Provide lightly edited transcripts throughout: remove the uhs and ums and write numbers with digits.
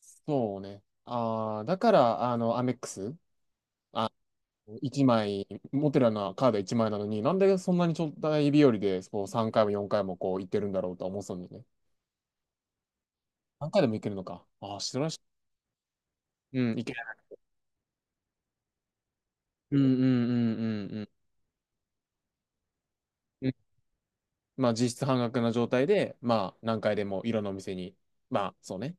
そうね。ああ、だから、アメックス、1枚、持ってるようなカード1枚なのに、なんでそんなにちょっとい日和で、こう3回も4回もこう行ってるんだろうとは思ってたんだよね。何回でも行けるのか。ああ、知らないし。うん、行ける。うんうんうんうんうん。うん、まあ、実質半額な状態で、まあ、何回でもいろんなお店に。まあ、そうね。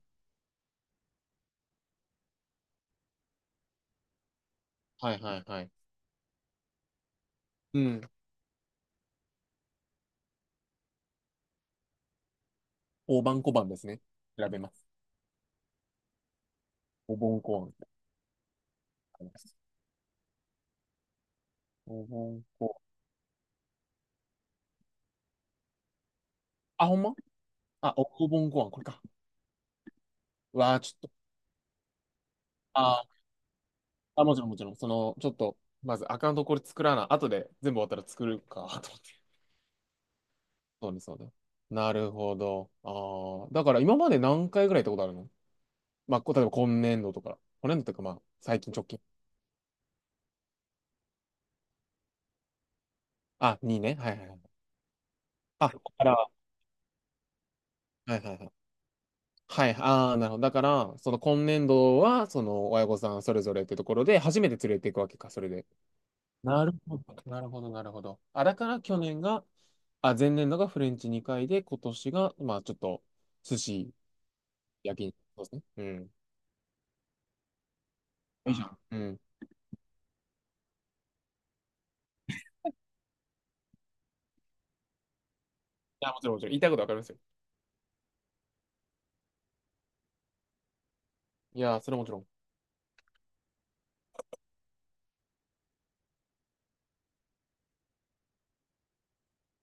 はいはいはい。うん。大判小判ですね。調べます。お盆小判。お盆小判。あ、ほんまあ、おお盆小判、これか。うわあ、ちょっと。ああ、もちろん、もちろん。その、ちょっと、まずアカウントこれ作らな。後で全部終わったら作るか、と思って。そうです、そうです。なるほど。ああ。だから今まで何回ぐらい行ったことあるの？まあ、例えば今年度とか。今年度とか、まあ、最近直近。あ、2ね。はいはいはい。あ、だから、はいはいはい。はい、ああ、なるほど。だから、その今年度は、その親御さんそれぞれってところで、初めて連れていくわけか、それで。なるほど、なるほど、なるほど。あ、だから去年が、あ、前年度がフレンチ2回で、今年が、まあ、ちょっと、寿司焼肉。そうですね。うん。いいじゃん。うん。いや、もちろん、もちろん。言いたいことわかりますよ。いや、それはもちろん。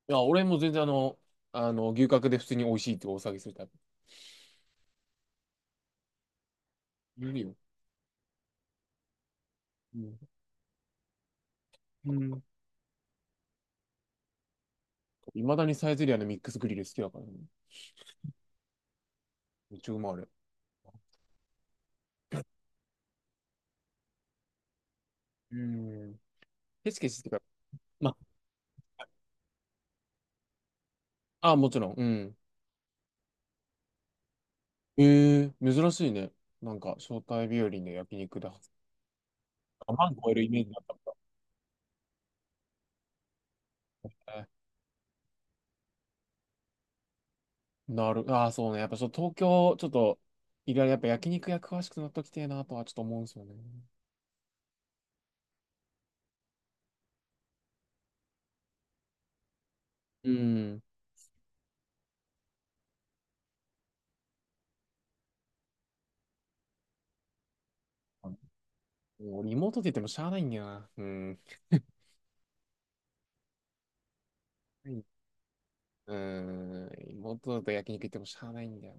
いや、俺も全然牛角で普通に美味しいってお騒ぎするタイプ。いるよ。うん。うん。いまだにサイゼリアのミックスグリル好きだからね。めっちゃうまいあれ。うん。ケチケチってかま、あ、もちろん。うん。ええ珍しいね。なんか、招待日和で焼肉だ。あ、万超えるイメージだったもんね。なる。ああ、そうね。やっぱそう、東京、ちょっと、いろいろやっぱ焼肉屋詳しくなっときてえなとはちょっと思うんですよね。うん。もうリモートって言ってもしゃあないんだよな。うん。はい。うーん。リモートだと焼肉行ってもしゃあないんだよ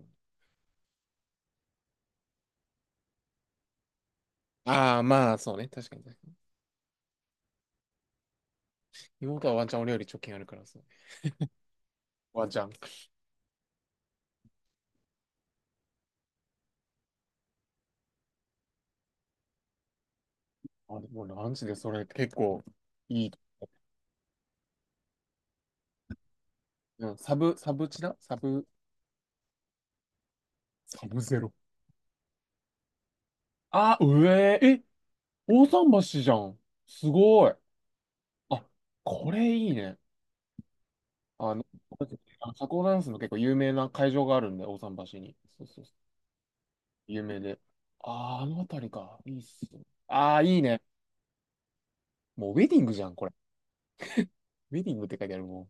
な。ああ、まあ、そうね。確かに。妹はワンチャン俺より貯金あるからそう。ワンチャン。あ、でもランチでそれ結構いい。うん、サブ、サブチだサブ、サブゼロ。あ、上、え、大桟橋じゃん。すごい。あ、これいいね。あの、あ社交ダンスの結構有名な会場があるんで、大桟橋に。そうそうそう、有名で。ああ、あの辺りか。いいっすよ。ああ、いいね。もうウェディングじゃん、これ。ウェディングって書いてあるもん。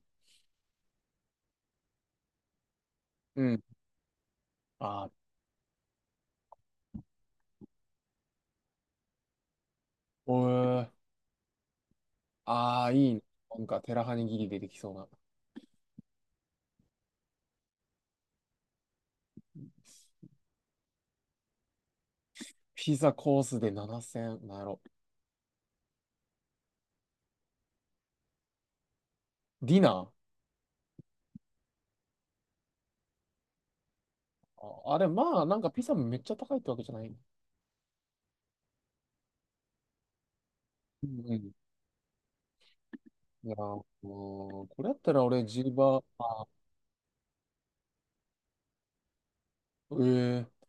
うん。ああ、おえ。ああ、いいね。なんか、テラハニギリ出てきそうな。ピザコースで7000、なんやろ。ディナー。あ、あれ、まあ、なんかピザもめっちゃ高いってわけじゃない。うんうん。いやー、もうこれやったら俺、ジルバー、あ、ええ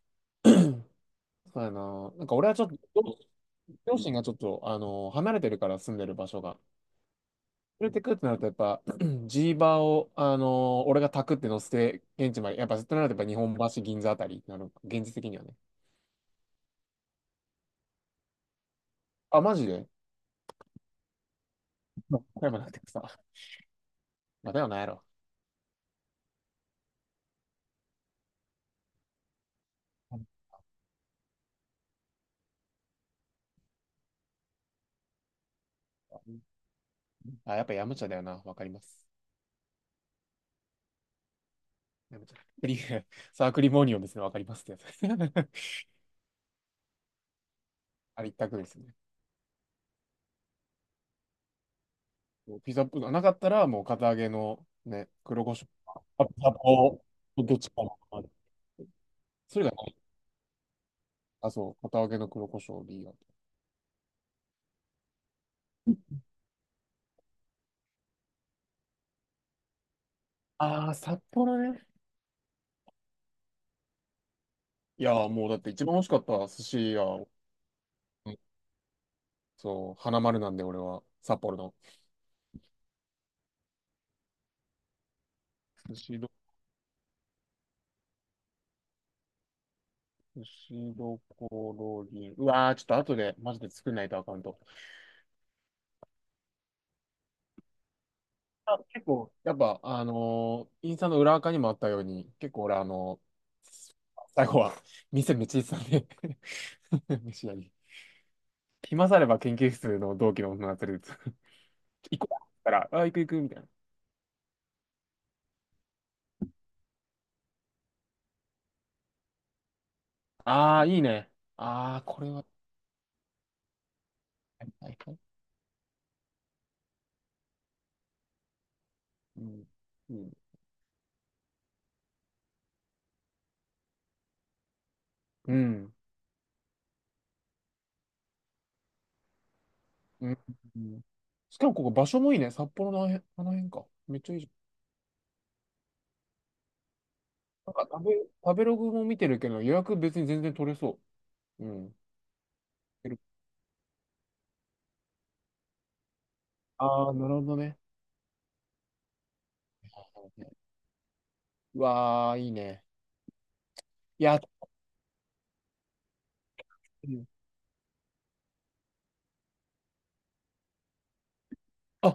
そうやな。なんか俺はちょっと、両親がちょっと、離れてるから住んでる場所が。連れてくってなると、やっぱ、ジーバーを、俺がタクって乗せて、現地まで、やっぱ、となると、やっぱ、日本橋、銀座あたりになる、現実的にはね。あ、マジで岡山なんてさ、まあ、だよな、やろ。あ、やっぱ、ヤムチャだよな、わかります。ヤムチャ。クリ サークリモニオンですね、わかりますってやつ。あれ一択ですね。ピザポートなかったら、もう、堅揚げの、ね、黒胡椒か、あピザポーどっちかな。それがない。あ、そう、堅揚げの黒胡椒でいいよ。ああ、札幌ね。いやー、もうだって一番美味しかった寿司屋、うん、そう、花丸なんで俺は、札幌の。寿司ど、寿司どころに、うわー、ちょっと後でマジで作んないとアカウント。あ、結構、やっぱ、インスタの裏垢にもあったように、結構俺、ー最後は、店めっちゃ行ってたんで 飯屋に。暇さあれば研究室の同期の女が連れて 行こうって言ったら、あ、行く行く、みたいな。あー、いいね。あー、これは、はいはいはい。うん。うん。うんうん。うん、しかもここ場所もいいね。札幌のあの辺、あの辺か。めっちゃいいじゃん。なんか食べログも見てるけど、予約別に全然取れそう。うん。ああー、なるほどね。うわあ、いいね。いや、うん。あ、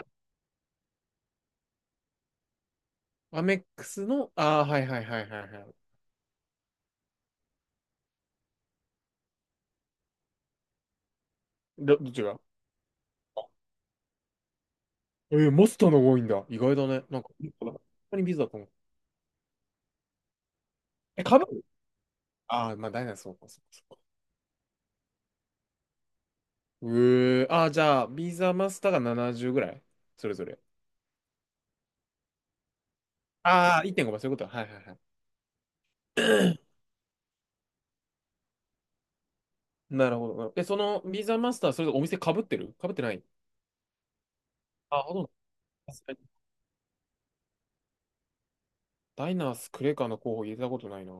アメックスの、ああ、はいはいはいはいはい。どっちがあマスターの方が多いんだ。意外だね。なんか、本当にビザだと思う。え、かぶる。ああー、まあ、ダイナそうか、そうか。うえー、ああ、じゃあ、ビザマスターが70ぐらいそれぞれ。ああ、1.5倍、そういうこと。はいはいはい。なるほど。え、そのビザマスター、それお店かぶってるかぶってない？あ、ほとんど。確かにダイナースクレカの候補入れたことないな。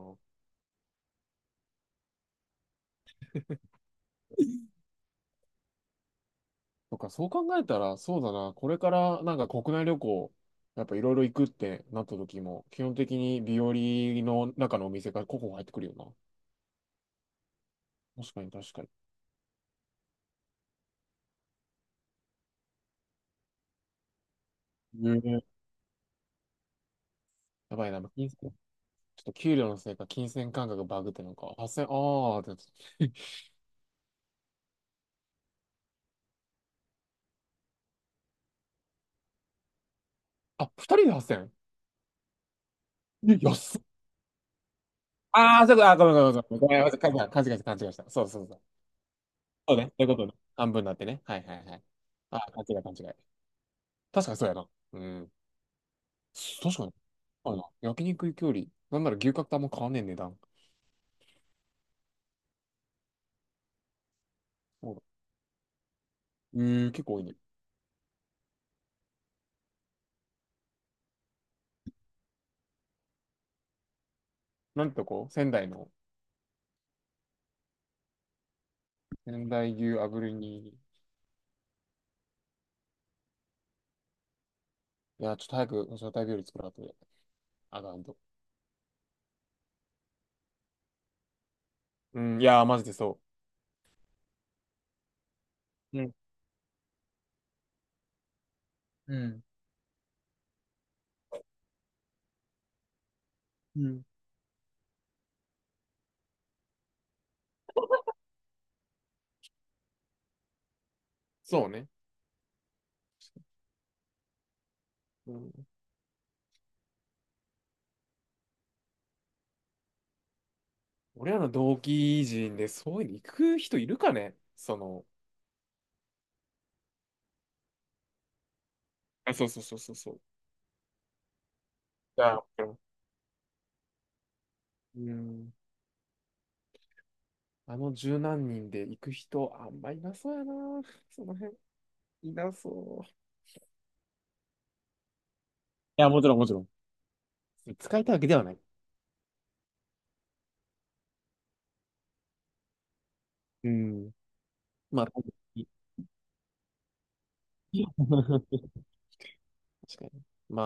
とか、そう考えたら、そうだな。これからなんか国内旅行、やっぱいろいろ行くってなった時も、基本的に日和の中のお店が候補入ってくるよな。確かに確かに。ええやばいな。ちょっと給料のせいか、金銭感覚がバグってなんか、8000、ああ、って あ、2人で 8000？ え安っ。ああ、そうか、あ、ごめんごめんごめん。ごめん、勘違いした、勘違いした。そうそうそう。そうね。そういうことね。半分になってね。はいはいはい。あ、勘違い勘違い。確かにそうやな。うん。確かに。あるな。焼肉行きより、なんなら牛角とあんま変わんねえ値段。そうだ。え結構多いね。なんてとこ仙台の、仙台牛炙りに、いや、ちょっと早く、招待日より作らんとね、あかんと。うん、いやー、マジでそう。うん、うん、うん。そうね。うん、俺らの同期人でそういうの行く人いるかねその。あ、そうそうそうそうそう。いや、うん。あの十何人で行く人、あんまいなそうやな。その辺、いなそう。いや、もちろん、もちろん。使いたいわけではない。うん。まあ、確かに。まあ